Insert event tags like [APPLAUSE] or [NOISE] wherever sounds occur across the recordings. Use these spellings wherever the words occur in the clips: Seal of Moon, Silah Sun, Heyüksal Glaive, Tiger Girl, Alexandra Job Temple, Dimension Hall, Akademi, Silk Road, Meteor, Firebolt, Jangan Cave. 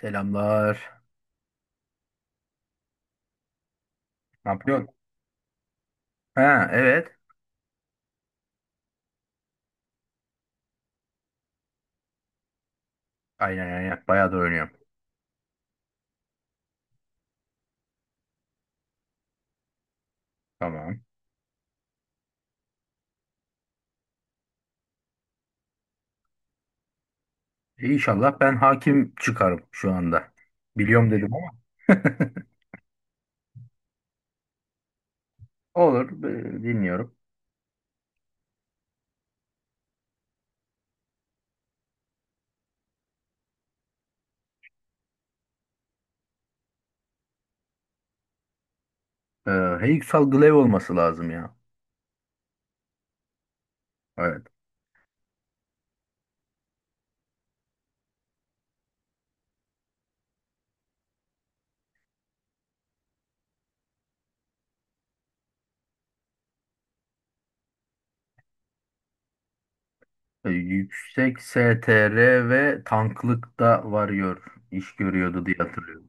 Selamlar. Ne yapıyorsun? Ha evet. Aynen aynen. Bayağı da oynuyorum. Tamam. E, İnşallah ben hakim çıkarım şu anda. Biliyorum dedim ama. [LAUGHS] Olur. Dinliyorum. Ee, Heyüksal Glaive olması lazım ya. Evet. Yüksek STR ve tanklıkta varıyor. İş görüyordu diye hatırlıyorum.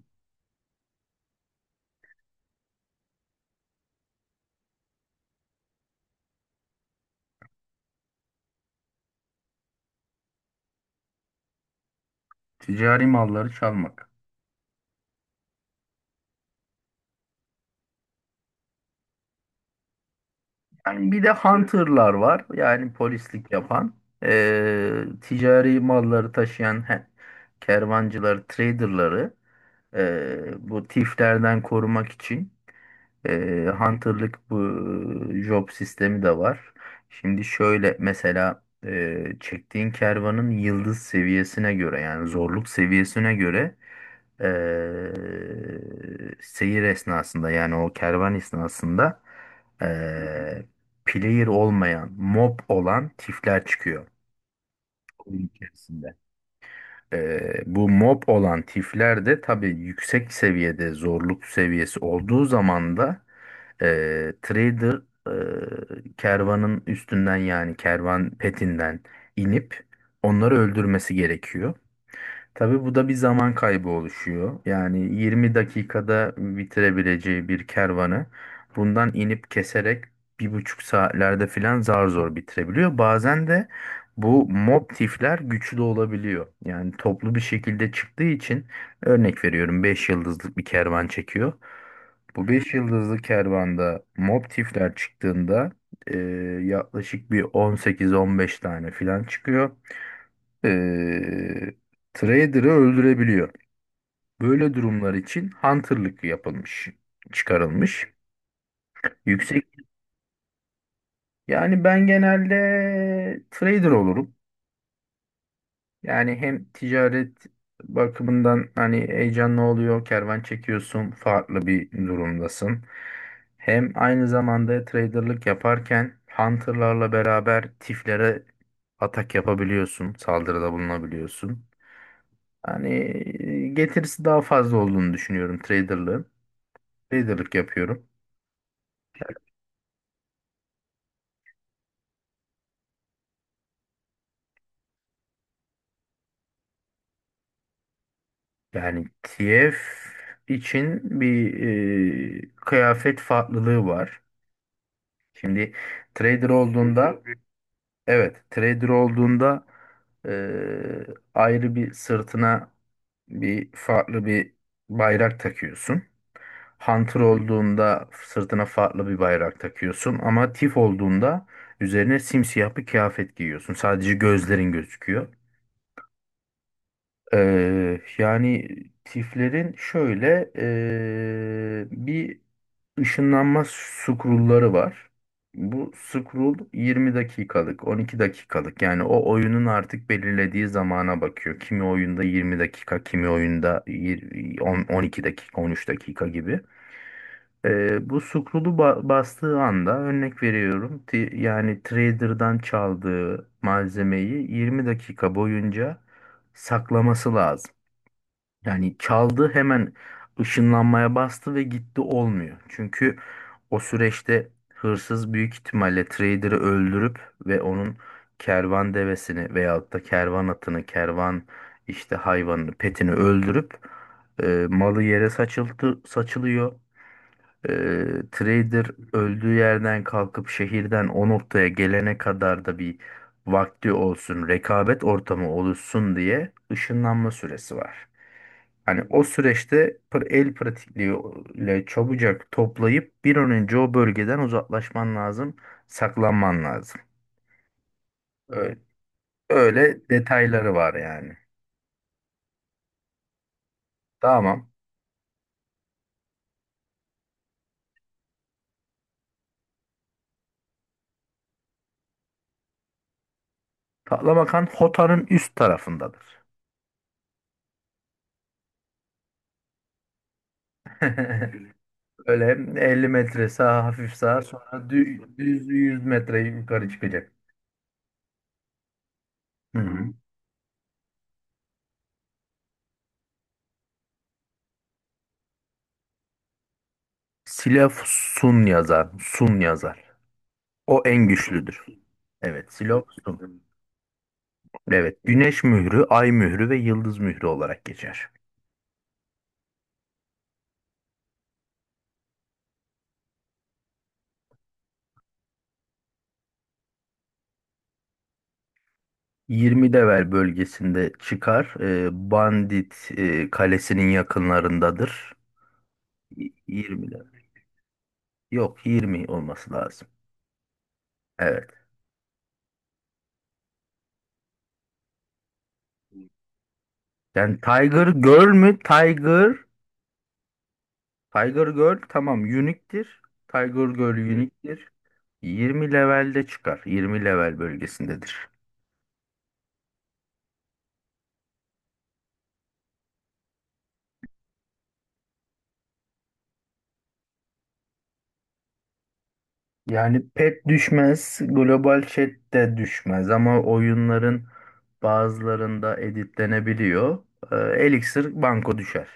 Ticari malları çalmak. Yani bir de hunterlar var. Yani polislik yapan. Ticari malları taşıyan kervancıları, traderları bu tiflerden korumak için. Hunter'lık bu job sistemi de var. Şimdi şöyle mesela çektiğin kervanın yıldız seviyesine göre, yani zorluk seviyesine göre, seyir esnasında, yani o kervan esnasında, e, player olmayan mob olan tifler çıkıyor oyun içerisinde. Bu mob olan tifler de tabii yüksek seviyede zorluk seviyesi olduğu zaman da e, trader, kervanın üstünden, yani kervan petinden, inip onları öldürmesi gerekiyor. Tabii bu da bir zaman kaybı oluşuyor. Yani 20 dakikada bitirebileceği bir kervanı bundan inip keserek 1,5 saatlerde filan zar zor bitirebiliyor. Bazen de bu mob tifler güçlü olabiliyor. Yani toplu bir şekilde çıktığı için, örnek veriyorum, 5 yıldızlık bir kervan çekiyor. Bu 5 yıldızlı kervanda mob tifler çıktığında, eee, yaklaşık bir 18-15 tane filan çıkıyor, eee trader'ı öldürebiliyor. Böyle durumlar için hunter'lık yapılmış, çıkarılmış. Yüksek yani ben genelde trader olurum. Yani hem ticaret bakımından hani heyecanlı oluyor, kervan çekiyorsun, farklı bir durumdasın. Hem aynı zamanda trader'lık yaparken hunter'larla beraber tiflere atak yapabiliyorsun, saldırıda bulunabiliyorsun. Yani getirisi daha fazla olduğunu düşünüyorum traderlığın. Traderlık yapıyorum. Yani TF için bir kıyafet farklılığı var. Şimdi trader olduğunda, evet, trader olduğunda, e, ayrı bir sırtına, bir farklı bir bayrak takıyorsun. Hunter olduğunda sırtına farklı bir bayrak takıyorsun ama Tif olduğunda üzerine simsiyah bir kıyafet giyiyorsun. Sadece gözlerin gözüküyor. Yani Tiflerin şöyle, bir Işınlanma scroll'ları var. Bu scroll 20 dakikalık, 12 dakikalık. Yani o oyunun artık belirlediği zamana bakıyor. Kimi oyunda 20 dakika, kimi oyunda 12 dakika, 13 dakika gibi. Bu scroll'u bastığı anda, örnek veriyorum. Yani trader'dan çaldığı malzemeyi 20 dakika boyunca saklaması lazım. Yani çaldı, hemen ışınlanmaya bastı ve gitti olmuyor. Çünkü o süreçte hırsız büyük ihtimalle trader'ı öldürüp ve onun kervan devesini veyahut da kervan atını, kervan işte hayvanını, petini öldürüp, malı yere saçılıyor. Trader öldüğü yerden kalkıp şehirden o noktaya gelene kadar da bir vakti olsun, rekabet ortamı oluşsun diye ışınlanma süresi var. Hani o süreçte el pratikliğiyle çabucak toplayıp bir an önce o bölgeden uzaklaşman lazım, saklanman lazım. Öyle, öyle detayları var yani. Tamam. Patlamakan Hota'nın üst tarafındadır. [LAUGHS] Böyle 50 metre sağ, hafif sağa, sonra düz 100 metre yukarı çıkacak. Hı hı. Silah Sun yazar. Sun yazar. O en güçlüdür. Evet, Silah Sun. Evet, Güneş mührü, Ay mührü ve Yıldız mührü olarak geçer. 20 Devel bölgesinde çıkar. Bandit kalesinin yakınlarındadır. 20 Devel. Yok, 20 olması lazım. Evet. Yani Tiger Girl mü? Tiger Girl, tamam, unique'tir. Tiger Girl. Hı. 20 levelde çıkar. 20 level bölgesindedir. Yani pet düşmez, global chat de düşmez ama oyunların bazılarında editlenebiliyor. Ee, Elixir banko düşer.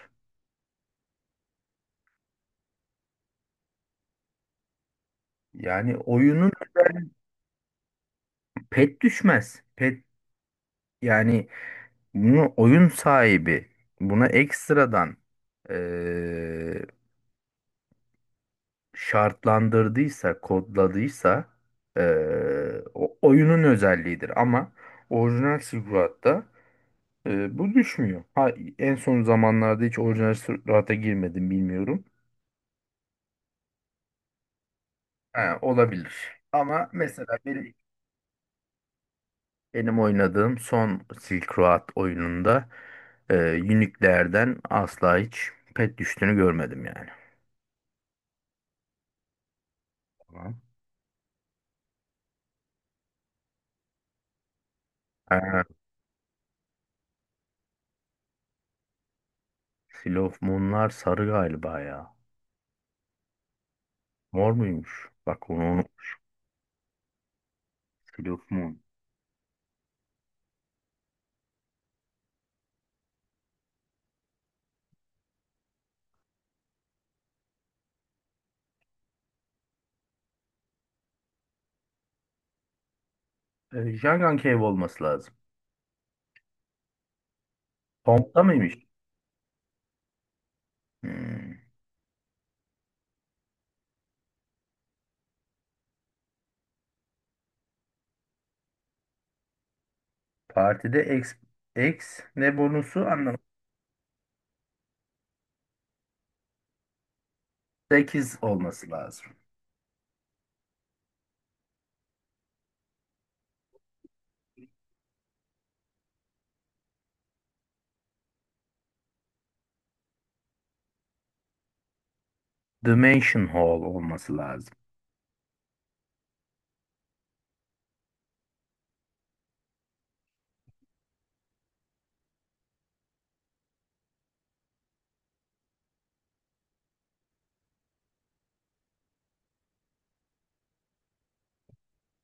Yani oyunun özelliği- Pet düşmez. Pet, yani bunu oyun sahibi buna ekstradan, ee, şartlandırdıysa, kodladıysa, o oyunun özelliğidir. Ama orijinal Silverado'da bu düşmüyor. Ha, en son zamanlarda hiç orijinal Silverado'ya girmedim, bilmiyorum. Ha, olabilir. Ama mesela benim oynadığım son Silk Road oyununda Unique'lerden asla hiç pet düştüğünü görmedim yani. Tamam. Ha, Seal of Moon'lar sarı galiba ya. Mor muymuş? Bak onu. Seal of Moon. Jangan Cave olması lazım. Pompta mıymış? Hmm. Partide X, ne bonusu anlamadım. 8 olması lazım. Dimension Hall olması lazım.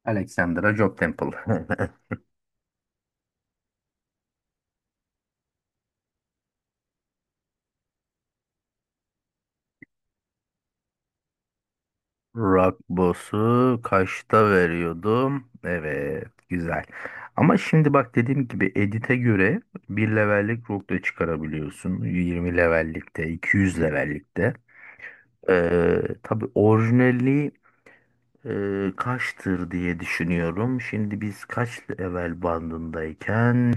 Alexandra Job Temple. [LAUGHS] Rock Boss'u kaçta veriyordum? Evet, güzel. Ama şimdi bak, dediğim gibi edit'e göre bir levellik rock da çıkarabiliyorsun. 20 levellikte, 200 levellikte. Tabii orijinali. Kaçtır diye düşünüyorum. Şimdi biz kaç level bandındayken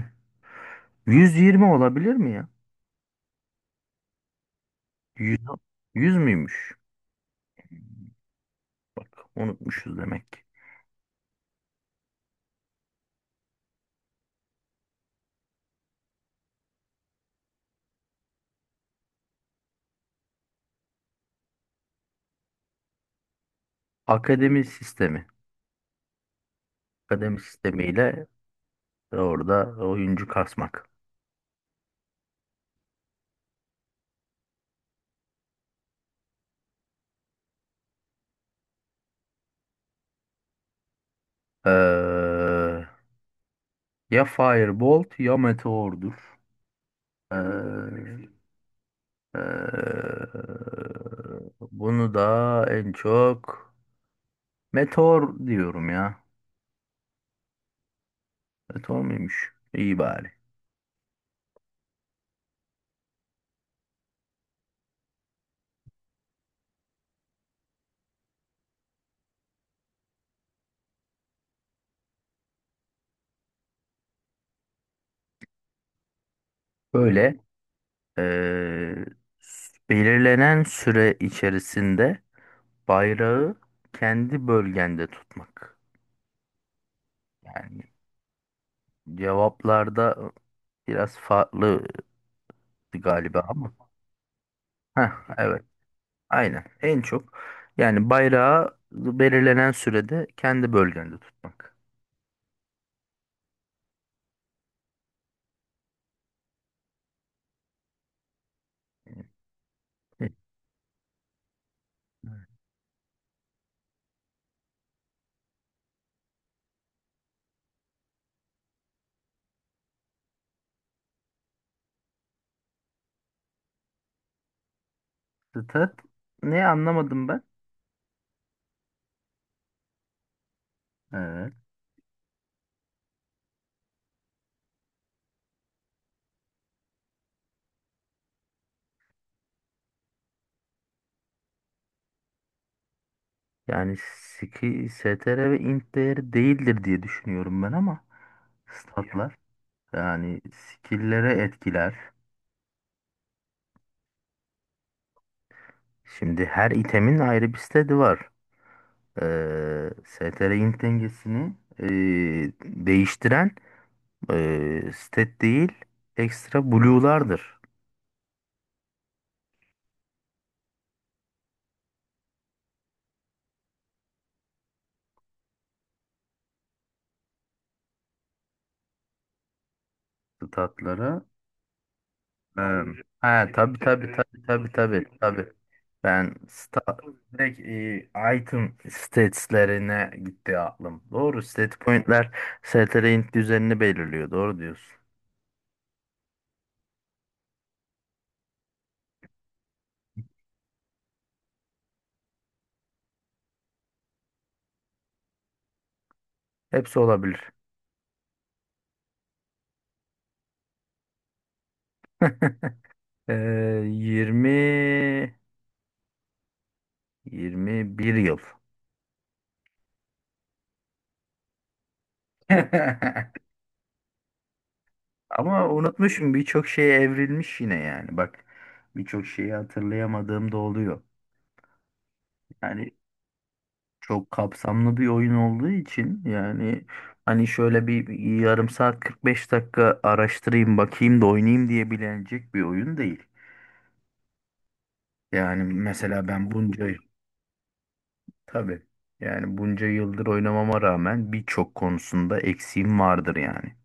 120 olabilir mi ya? 100, 100 müymüş? Bak, unutmuşuz demek ki. Akademi sistemi. Akademi sistemiyle orada oyuncu kasmak. Ee, Ya Firebolt ya Meteor'dur. Ee, ee, Bunu da en çok Meteor diyorum ya. Meteor muymuş? İyi bari. Böyle Ee, Belirlenen süre içerisinde bayrağı kendi bölgende tutmak. Yani cevaplarda biraz farklı galiba ama. Heh, evet, aynen. En çok, yani, bayrağı belirlenen sürede kendi bölgende tutmak. E, Stat ne, anlamadım ben? Evet. Yani STR ve int değeri değildir diye düşünüyorum ben, ama statlar. Yani skill'lere etkiler. Şimdi her itemin ayrı bir seti var. STR int dengesini değiştiren stat değil, ekstra blue'lardır. Statlara. Ee, ha Benim, tabii tabii, sektörüm, tabii bu, tabii tabii tabii. Ben sta Direkt item stats'lerine gitti aklım. Doğru, stat point'ler STR int düzenini belirliyor. Doğru diyorsun. Hepsi olabilir. [LAUGHS] Ee, 20 21 yıl. [LAUGHS] Ama unutmuşum, birçok şeye evrilmiş yine yani. Bak, birçok şeyi hatırlayamadığım da oluyor. Yani çok kapsamlı bir oyun olduğu için yani, hani, şöyle bir yarım saat 45 dakika araştırayım bakayım da oynayayım diyebilecek bir oyun değil. Yani mesela ben bunca, tabii yani, bunca yıldır oynamama rağmen birçok konusunda eksiğim vardır yani.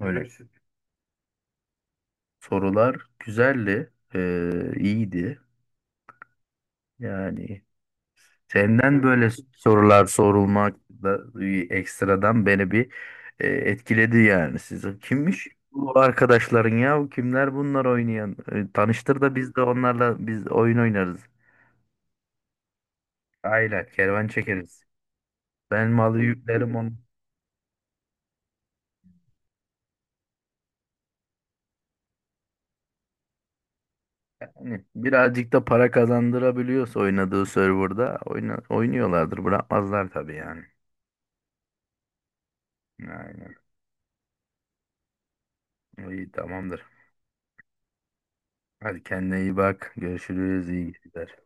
Öyle. Sorular güzeldi, iyiydi. Yani senden, evet, böyle sorular sorulmak da bir ekstradan beni bir etkiledi yani. Sizin kimmiş bu arkadaşların ya? Kimler bunlar oynayan? Tanıştır da biz de onlarla biz oyun oynarız. Aynen kervan çekeriz. Ben malı yüklerim onu. Yani birazcık da para kazandırabiliyorsa oynadığı serverda oynuyorlardır. Bırakmazlar tabii yani. Aynen. İyi, tamamdır. Hadi kendine iyi bak. Görüşürüz. İyi geceler.